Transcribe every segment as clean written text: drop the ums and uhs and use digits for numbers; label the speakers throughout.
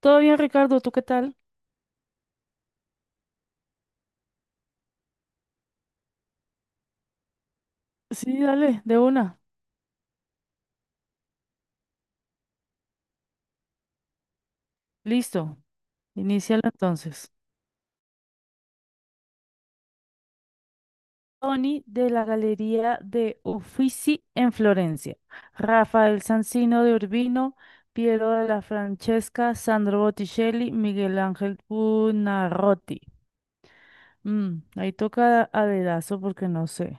Speaker 1: Todo bien, Ricardo, ¿tú qué tal? Sí, dale, de una. Listo. Inicialo entonces. Tony de la Galería de Uffizi en Florencia. Rafael Sanzino de Urbino, Piero de la Francesca, Sandro Botticelli, Miguel Ángel Buonarroti. Ahí toca a dedazo porque no sé.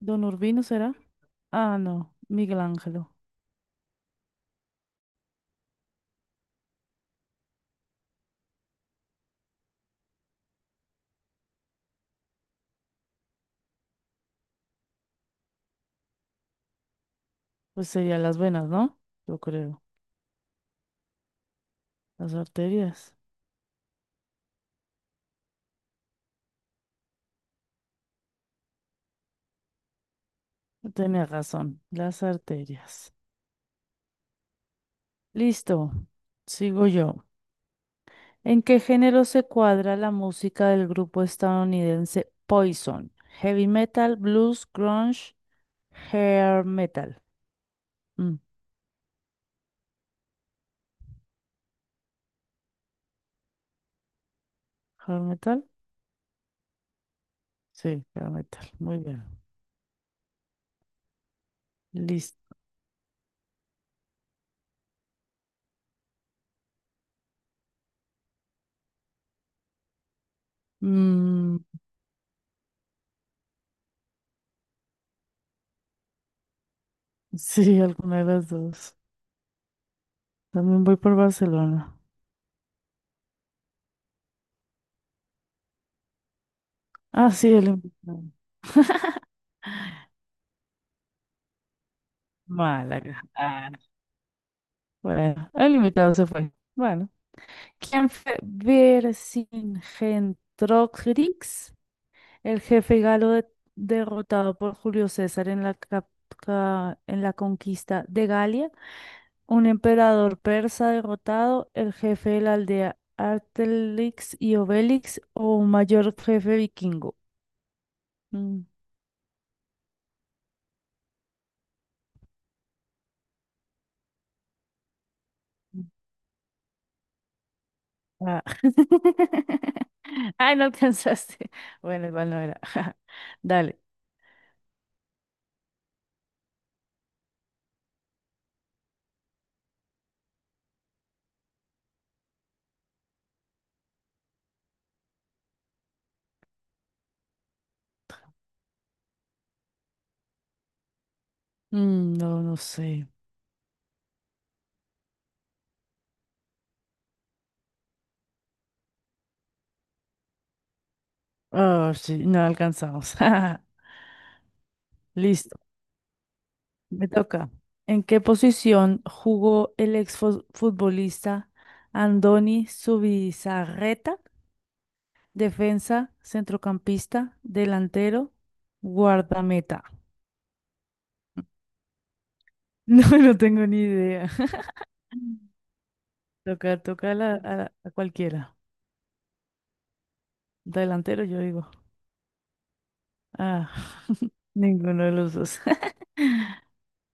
Speaker 1: ¿Don Urbino será? Ah, no, Miguel Ángelo. Pues serían las venas, ¿no? Yo creo. Las arterias. Tenía razón, las arterias. Listo, sigo yo. ¿En qué género se cuadra la música del grupo estadounidense Poison? Heavy metal, blues, grunge, hair metal. Mm, ¿Hair metal? Sí, hair metal. Muy bien. Listo. Mm, sí, alguna de las dos. También voy por Barcelona. Ah, sí, el invitado. Málaga. Ah, bueno, el invitado se fue. Bueno. ¿Quién fue Vercingetorix? El jefe galo derrotado por Julio César en la conquista de Galia, un emperador persa derrotado, el jefe de la aldea Artelix y Obelix o un mayor jefe vikingo. Mm, ah. Ay, no alcanzaste. Bueno, igual no era. Dale. No, no sé. Ah, sí, no alcanzamos. Listo, me toca. ¿En qué posición jugó el exfutbolista Andoni Zubizarreta? Defensa, centrocampista, delantero, guardameta. No, no tengo ni idea. Toca, toca a cualquiera. Delantero, yo digo. Ah, ninguno de los dos.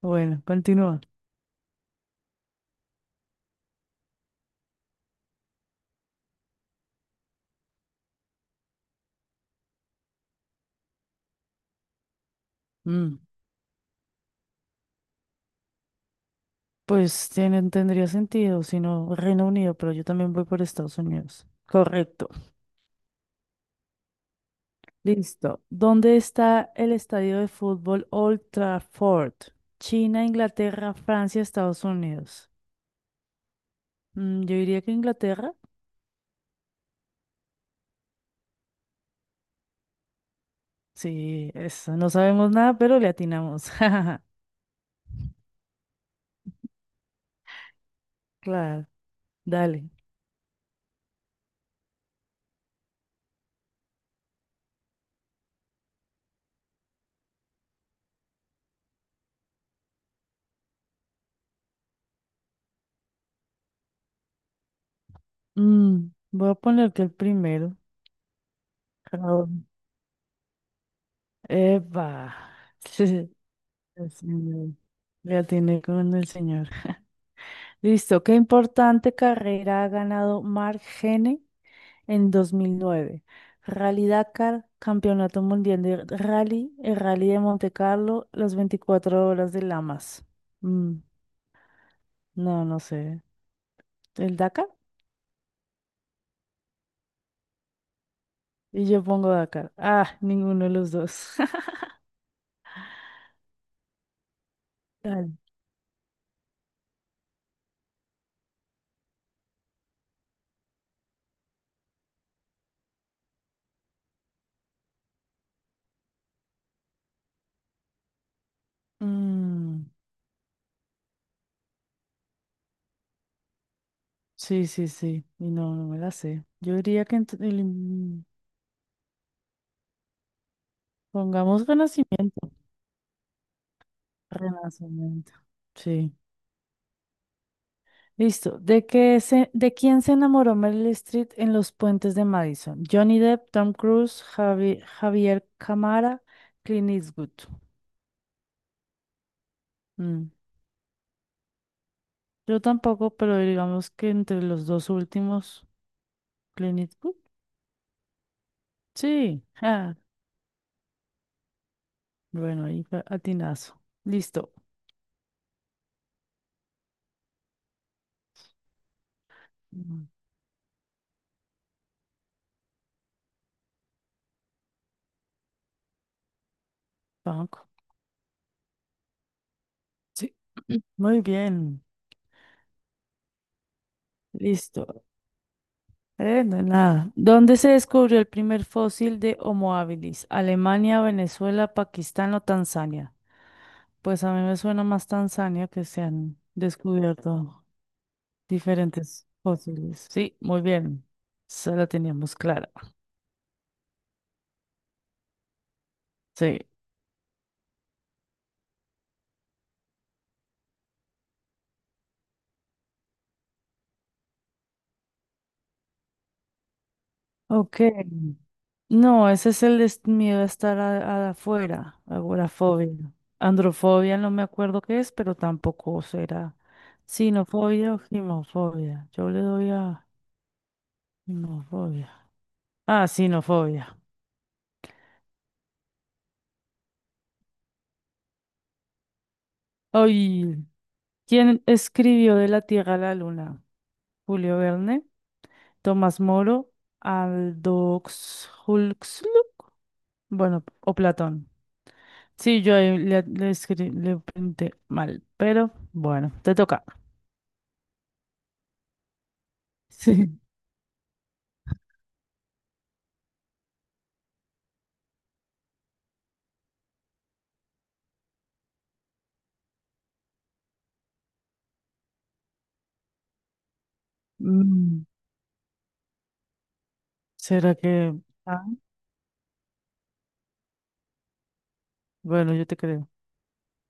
Speaker 1: Bueno, continúa. Mm, Pues tendría sentido, si no Reino Unido, pero yo también voy por Estados Unidos. Correcto. Listo. ¿Dónde está el estadio de fútbol Old Trafford? China, Inglaterra, Francia, Estados Unidos. Yo diría que Inglaterra. Sí, eso. No sabemos nada, pero le atinamos. Claro, dale. Voy a poner que el primero. Raúl. Eva. El señor. Le atiné con el señor. Listo. ¿Qué importante carrera ha ganado Mark Gene? En 2009 Rally Dakar, Campeonato Mundial de Rally, el Rally de Monte Carlo, las 24 horas de Lamas. Mm, no, no sé. ¿El Dakar? Y yo pongo Dakar. Ah, ninguno de los dos. Dale. Mm, sí, sí, sí. Y no, no me la sé. Yo diría que pongamos Renacimiento. Renacimiento. Sí. Listo. ¿De quién se enamoró Meryl Streep en Los Puentes de Madison? Johnny Depp, Tom Cruise, Javier Camara, Clint Eastwood. Mm, Yo tampoco, pero digamos que entre los dos últimos, Clint Eastwood. Sí. Ah, bueno, ahí fue atinazo. Listo. Mm, Banco. Sí. Muy bien. Listo. No hay nada. ¿Dónde se descubrió el primer fósil de Homo habilis? ¿Alemania, Venezuela, Pakistán o Tanzania? Pues a mí me suena más Tanzania que se han descubierto diferentes fósiles. Sí, muy bien. Esa la teníamos clara. Sí. Ok. No, ese es el miedo a estar afuera, agorafobia. Androfobia no me acuerdo qué es, pero tampoco será sinofobia o gimofobia. Yo le doy a gimofobia. Ah, sinofobia. Ay, ¿quién escribió De la Tierra a la Luna? Julio Verne. Tomás Moro, Aldo Huxley, bueno, o Platón. Sí, yo ahí le escribí, le pinté mal, pero bueno, te toca. Sí. Mm, ¿Será que...? Ah, bueno, yo te creo.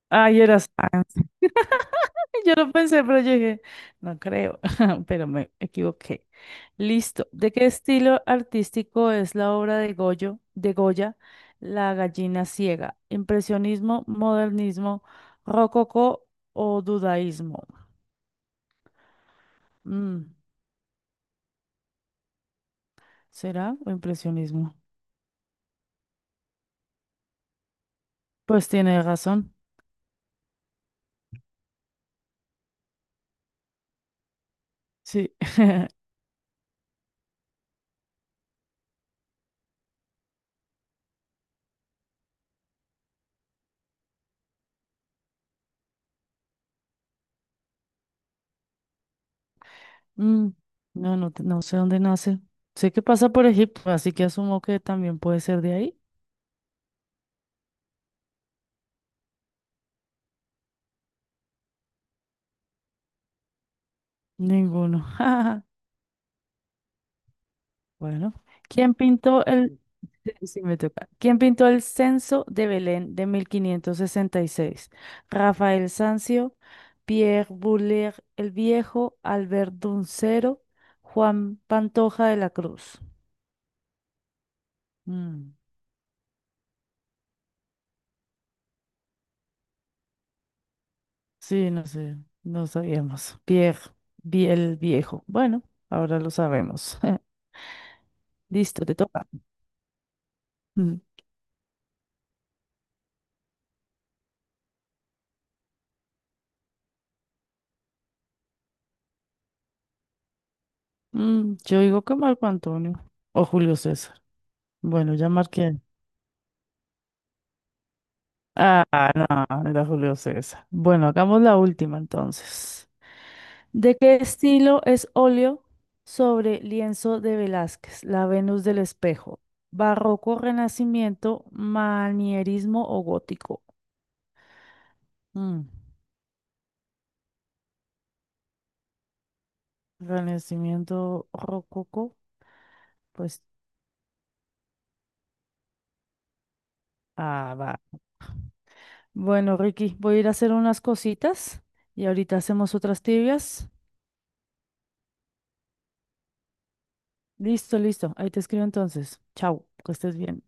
Speaker 1: Ah, y eras... Yo lo pensé, pero yo dije, no creo, pero me equivoqué. Listo. ¿De qué estilo artístico es la obra de Goya, La gallina ciega? ¿Impresionismo, modernismo, rococó o dudaísmo? Mm, ¿Será o impresionismo? Pues tiene razón. Sí. Mm, no, no, no sé dónde nace. Sé que pasa por Egipto, así que asumo que también puede ser de ahí. Ninguno. Bueno, ¿quién pintó el, sí, sí, me toca. ¿Quién pintó el censo de Belén de 1566? Rafael Sanzio, Pierre Buller el Viejo, Albert Duncero, Juan Pantoja de la Cruz. Mm, sí, no sé, no sabíamos. Pierre el Viejo. Bueno, ahora lo sabemos. Listo, te toca. Mm, yo digo que Marco Antonio o Julio César. Bueno, ya marqué. Ah, no, no era Julio César. Bueno, hagamos la última entonces. ¿De qué estilo es óleo sobre lienzo de Velázquez, la Venus del espejo? ¿Barroco, Renacimiento, Manierismo o Gótico? Mm, Renacimiento, Rococó, pues, ah, va. Bueno, Ricky, voy a ir a hacer unas cositas y ahorita hacemos otras tibias. Listo, listo. Ahí te escribo entonces. Chao, que estés bien.